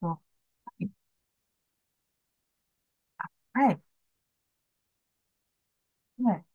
と、はい、はい、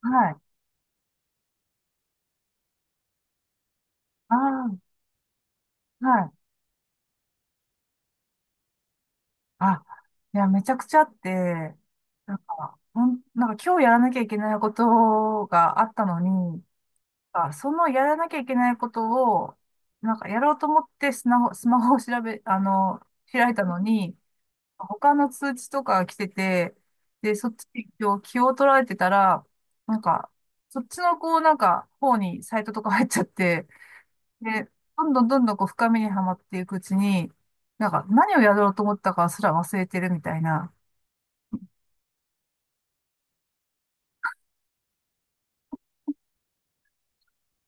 はい、ああ、はい。あ、いや、めちゃくちゃあって、なんか、なんか今日やらなきゃいけないことがあったのに、あ、そのやらなきゃいけないことを、なんかやろうと思ってスマホ、スマホを調べ、あの、開いたのに、他の通知とかが来てて、で、そっちに今日気を取られてたら、なんか、そっちのこう、なんか、方にサイトとか入っちゃって、で、どんどんどんどんこう深みにはまっていくうちに、なんか何をやろうと思ったかすら忘れてるみたいな。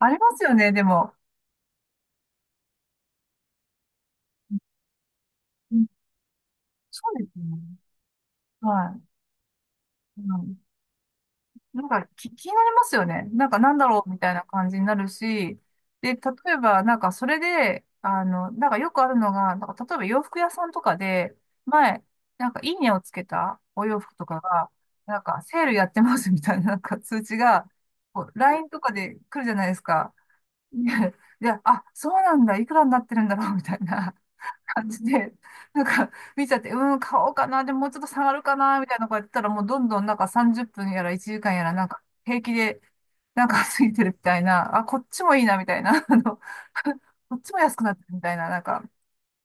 ありますよね、でも。うん、そうですね。はい。うん、なんか気になりますよね。なんかなんだろうみたいな感じになるし、で、例えばなんかそれで、なんかよくあるのが、なんか例えば洋服屋さんとかで、前、なんかいいねをつけたお洋服とかが、なんかセールやってますみたいななんか通知が、こう LINE とかで来るじゃないですか。ね。で、あ、そうなんだ、いくらになってるんだろう、みたいな 感じで、なんか見ちゃって、うん、買おうかな、でももうちょっと下がるかな、みたいなことやってたら、もうどんどんなんか30分やら1時間やら、なんか平気で、なんか過ぎてるみたいな、あ、こっちもいいな、みたいな、こっちも安くなってるみたいな、なんか、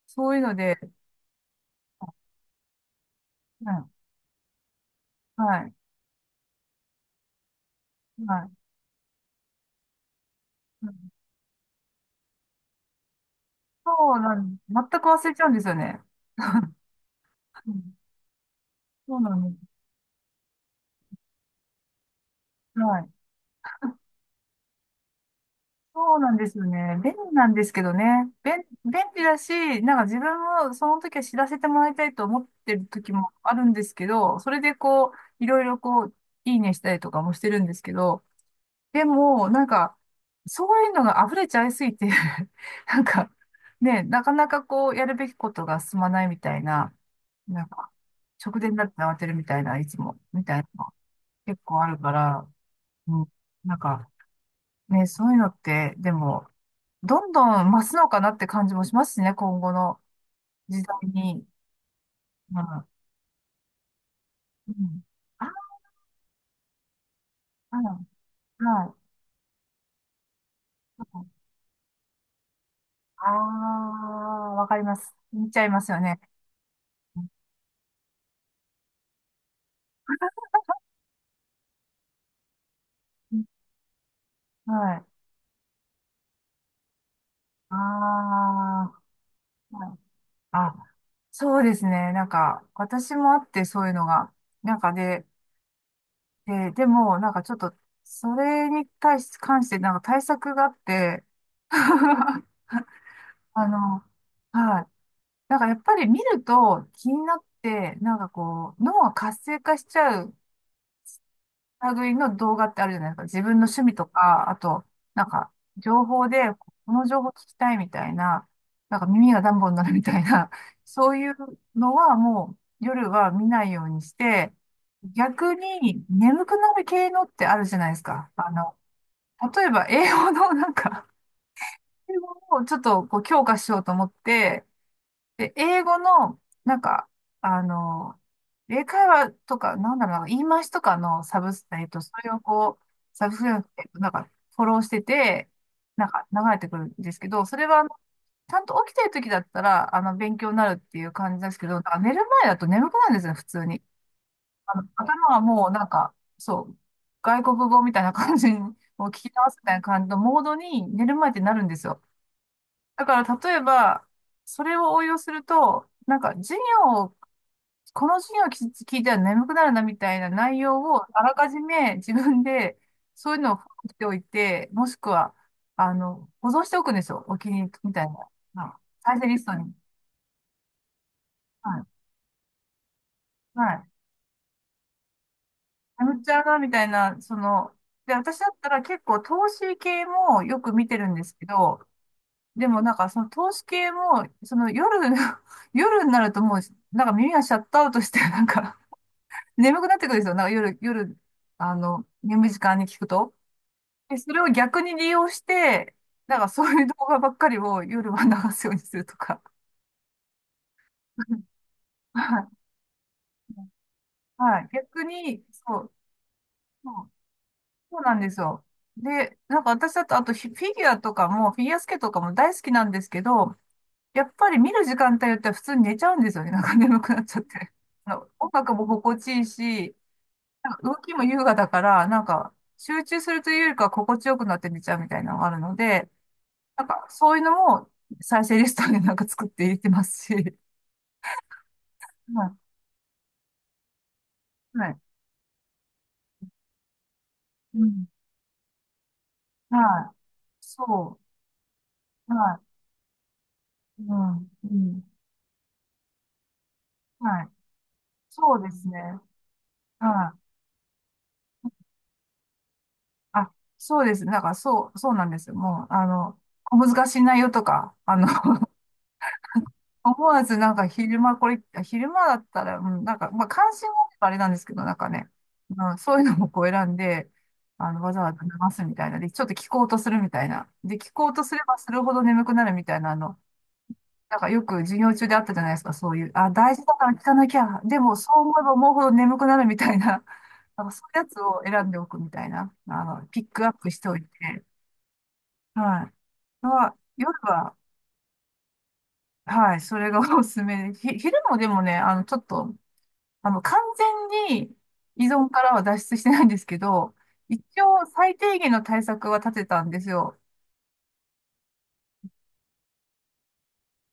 そういうので、うん、はい、はい。うん、そうなん、全く忘れちゃうんですよね。うん、そうなんです。はい、そうなんですよね。便利なんですけどね。便、便利だし、なんか自分もその時は知らせてもらいたいと思ってる時もあるんですけど、それでこう、いろいろこう、いいねしたりとかもしてるんですけど、でも、なんか、そういうのが溢れちゃいすぎて なんか、ね、なかなかこう、やるべきことが進まないみたいな、なんか、直前になって慌てるみたいな、いつも、みたいなのが結構あるから、うん、なんか、ね、そういうのって、でも、どんどん増すのかなって感じもしますしね、今後の時代に。うん。うん。あ、うん。はい。ああ、わかります。見ちゃいますよね。うん、はい。ああ、はい。あ、そうですね。なんか、私もあって、そういうのが。なんかで、でも、なんかちょっと、それに対し、関して、なんか対策があって、あの、はい。だからやっぱり見ると気になって、なんかこう、脳が活性化しちゃう類の動画ってあるじゃないですか。自分の趣味とか、あと、なんか、情報で、この情報聞きたいみたいな、なんか耳がダンボになるみたいな、そういうのはもう夜は見ないようにして、逆に眠くなる系のってあるじゃないですか。例えば英語のなんか、英語をちょっとこう強化しようと思って、で、英語の、なんか、あの、英会話とか、なんだろうな、言い回しとかのサブス、それをこう、サブス、なんか、フォローしてて、なんか、流れてくるんですけど、それは、ちゃんと起きてる時だったら、勉強になるっていう感じですけど、なんか寝る前だと眠くなるんですよ、普通に。頭はもう、なんか、そう、外国語みたいな感じに、もう聞き直すみたいな感じのモードに寝る前ってなるんですよ。だから例えば、それを応用すると、なんか授業を、この授業を聞いたら眠くなるなみたいな内容をあらかじめ自分でそういうのを含めておいて、もしくは、保存しておくんですよ。お気に入りみたいな。あ、再生リストに。はい。はい。眠っちゃうなみたいな、その、で、私だったら結構投資系もよく見てるんですけど、でもなんかその投資系も、その夜、夜になるともう、なんか耳がシャットアウトして、なんか眠くなってくるんですよ。なんか夜、眠い時間に聞くと。で、それを逆に利用して、なんかそういう動画ばっかりを夜は流すようにするとか。はい。はい、逆に、そう、そう、そうなんですよ。で、なんか私だと、あとフィギュアスケートとかも大好きなんですけど、やっぱり見る時間帯によっては普通に寝ちゃうんですよね。なんか眠くなっちゃって。あの音楽も心地いいし、動きも優雅だから、なんか、集中するというよりかは心地よくなって寝ちゃうみたいなのがあるので、なんか、そういうのも再生リストになんか作って入れてますし。はい。はい。うん。はい。そう。はい。うん。うん。はい。そうですね。はい。あ、そうです。なんか、そう、そうなんですよ。もう、小難しい内容とか、思わずなんか昼間これ、昼間だったら、うん、なんか、まあ関心があればあれなんですけど、なんかね、うん、そういうのもこう選んで、わざわざ流すみたいな。で、ちょっと聞こうとするみたいな。で、聞こうとすればするほど眠くなるみたいな、なんかよく授業中であったじゃないですか、そういう、あ、大事だから聞かなきゃ、でもそう思えば思うほど眠くなるみたいな、なんかそういうやつを選んでおくみたいな、ピックアップしておいて、はい。は夜は、はい、それがおすすめで、昼もでもね、ちょっと、完全に依存からは脱出してないんですけど、一応最低限の対策は立てたんですよ。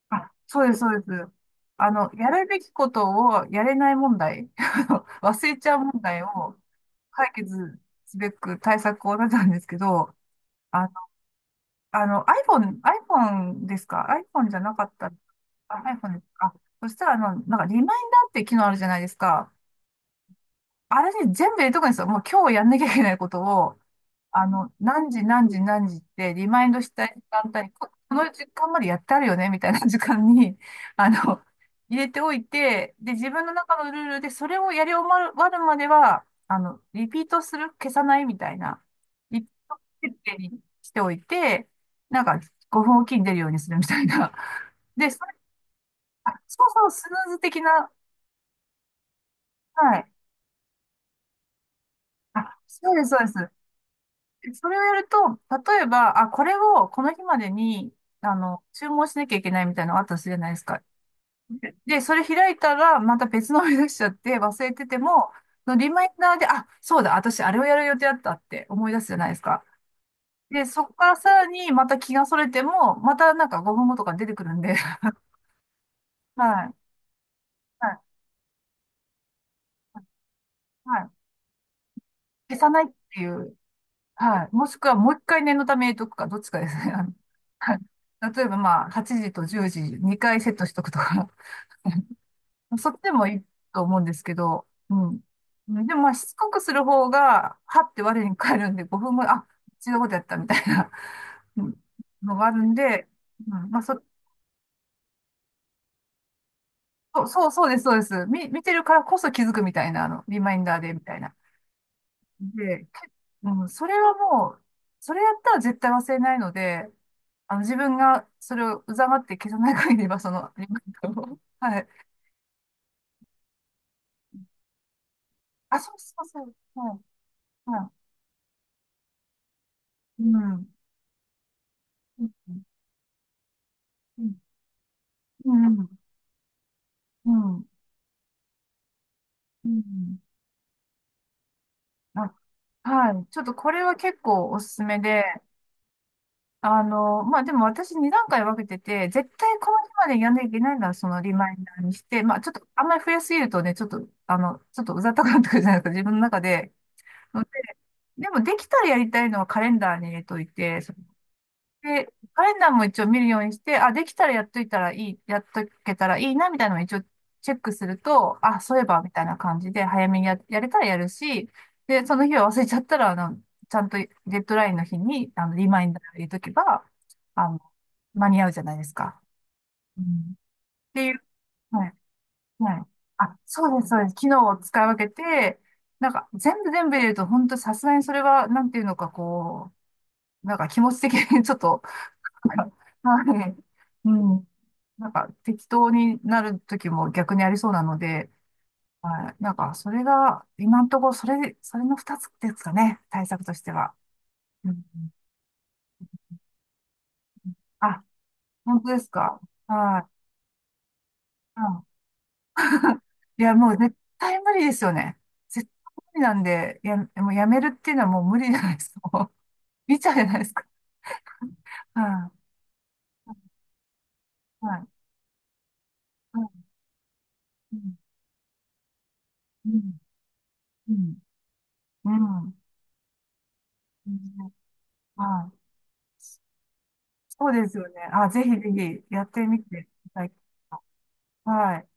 あ、そうです、そうです。やるべきことをやれない問題、あの忘れちゃう問題を解決すべく対策を立てたんですけど、あの、iPhone ですか？ iPhone じゃなかった。あ、iPhone ですか。あそしたら、なんかリマインダーって機能あるじゃないですか。あれに全部入れとくんですよ。もう今日やんなきゃいけないことを、何時何時何時ってリマインドしたい時間帯、ここの時間までやってあるよね、みたいな時間に、あの、入れておいて、で、自分の中のルールでそれをやり終わるまでは、リピートする、消さないみたいな、リピート設定にしておいて、なんか5分おきに出るようにするみたいな。で、それ、あ、そうそう、スヌーズ的な、はい。あ、そうです、そうです。それをやると、例えば、あ、これをこの日までに、注文しなきゃいけないみたいなのがあったとするじゃないですか。でそれ開いたら、また別のを出しちゃって忘れてても、そのリマインダーで、あ、そうだ、私あれをやる予定だったって思い出すじゃないですか。で、そこからさらにまた気がそれても、またなんか5分後とか出てくるんで、はい、はい、はい。消さないっていう、はい。もしくはもう一回念のために入れとくか、どっちかですね。はい。例えばまあ、8時と10時、2回セットしとくとか。そっちでもいいと思うんですけど、うん。でもまあ、しつこくする方が、はって我に返るんで、5分後、あ、違うことやったみたいなうんのがあるんで、うん、まあ、そう、そうそうです、そうです。見てるからこそ気づくみたいな、リマインダーで、みたいな。で、うん、それはもう、それやったら絶対忘れないので、自分がそれをうざがって消さない限りは、その、リマインダーを。はい。あ、そうそうそう。はい。はい。うん。うん。うん。うんうん。うん。あ、はい。ちょっとこれは結構おすすめで、まあ、でも私2段階分けてて、絶対この日までやんなきゃいけないならそのリマインダーにして、まあ、ちょっとあんまり増やしすぎるとね、ちょっとうざったくなってくるじゃないですか、自分の中で。ので、でもできたらやりたいのはカレンダーに入れといて、で、カレンダーも一応見るようにして、あ、できたらやっといたらいい、やっとけたらいいな、みたいなのを一応チェックすると、あ、そういえば、みたいな感じで、早めにやれたらやるし、で、その日は忘れちゃったら、ちゃんとデッドラインの日に、リマインダー入れとけば、あの、間に合うじゃないですか。うん。っていう、はい、はい。あ、そうです、そうです。機能を使い分けて、なんか、全部全部入れると、本当さすがにそれは、なんていうのか、こう、なんか気持ち的にちょっと、はい。はい。うん。なんか適当になる時も逆にありそうなので、はい。なんかそれが、今のところそれの二つですかね。対策としては。うん。あ、本当ですか。はい。うん。 いや、もう絶対無理ですよね。絶対無理なんで、もうやめるっていうのはもう無理じゃないですか。もう見ちゃうじゃないですか。はい。はい。はい。うん。うん。うん。うん。うん。はい。そうですよね。あ、ぜひぜひやってみてください。はい。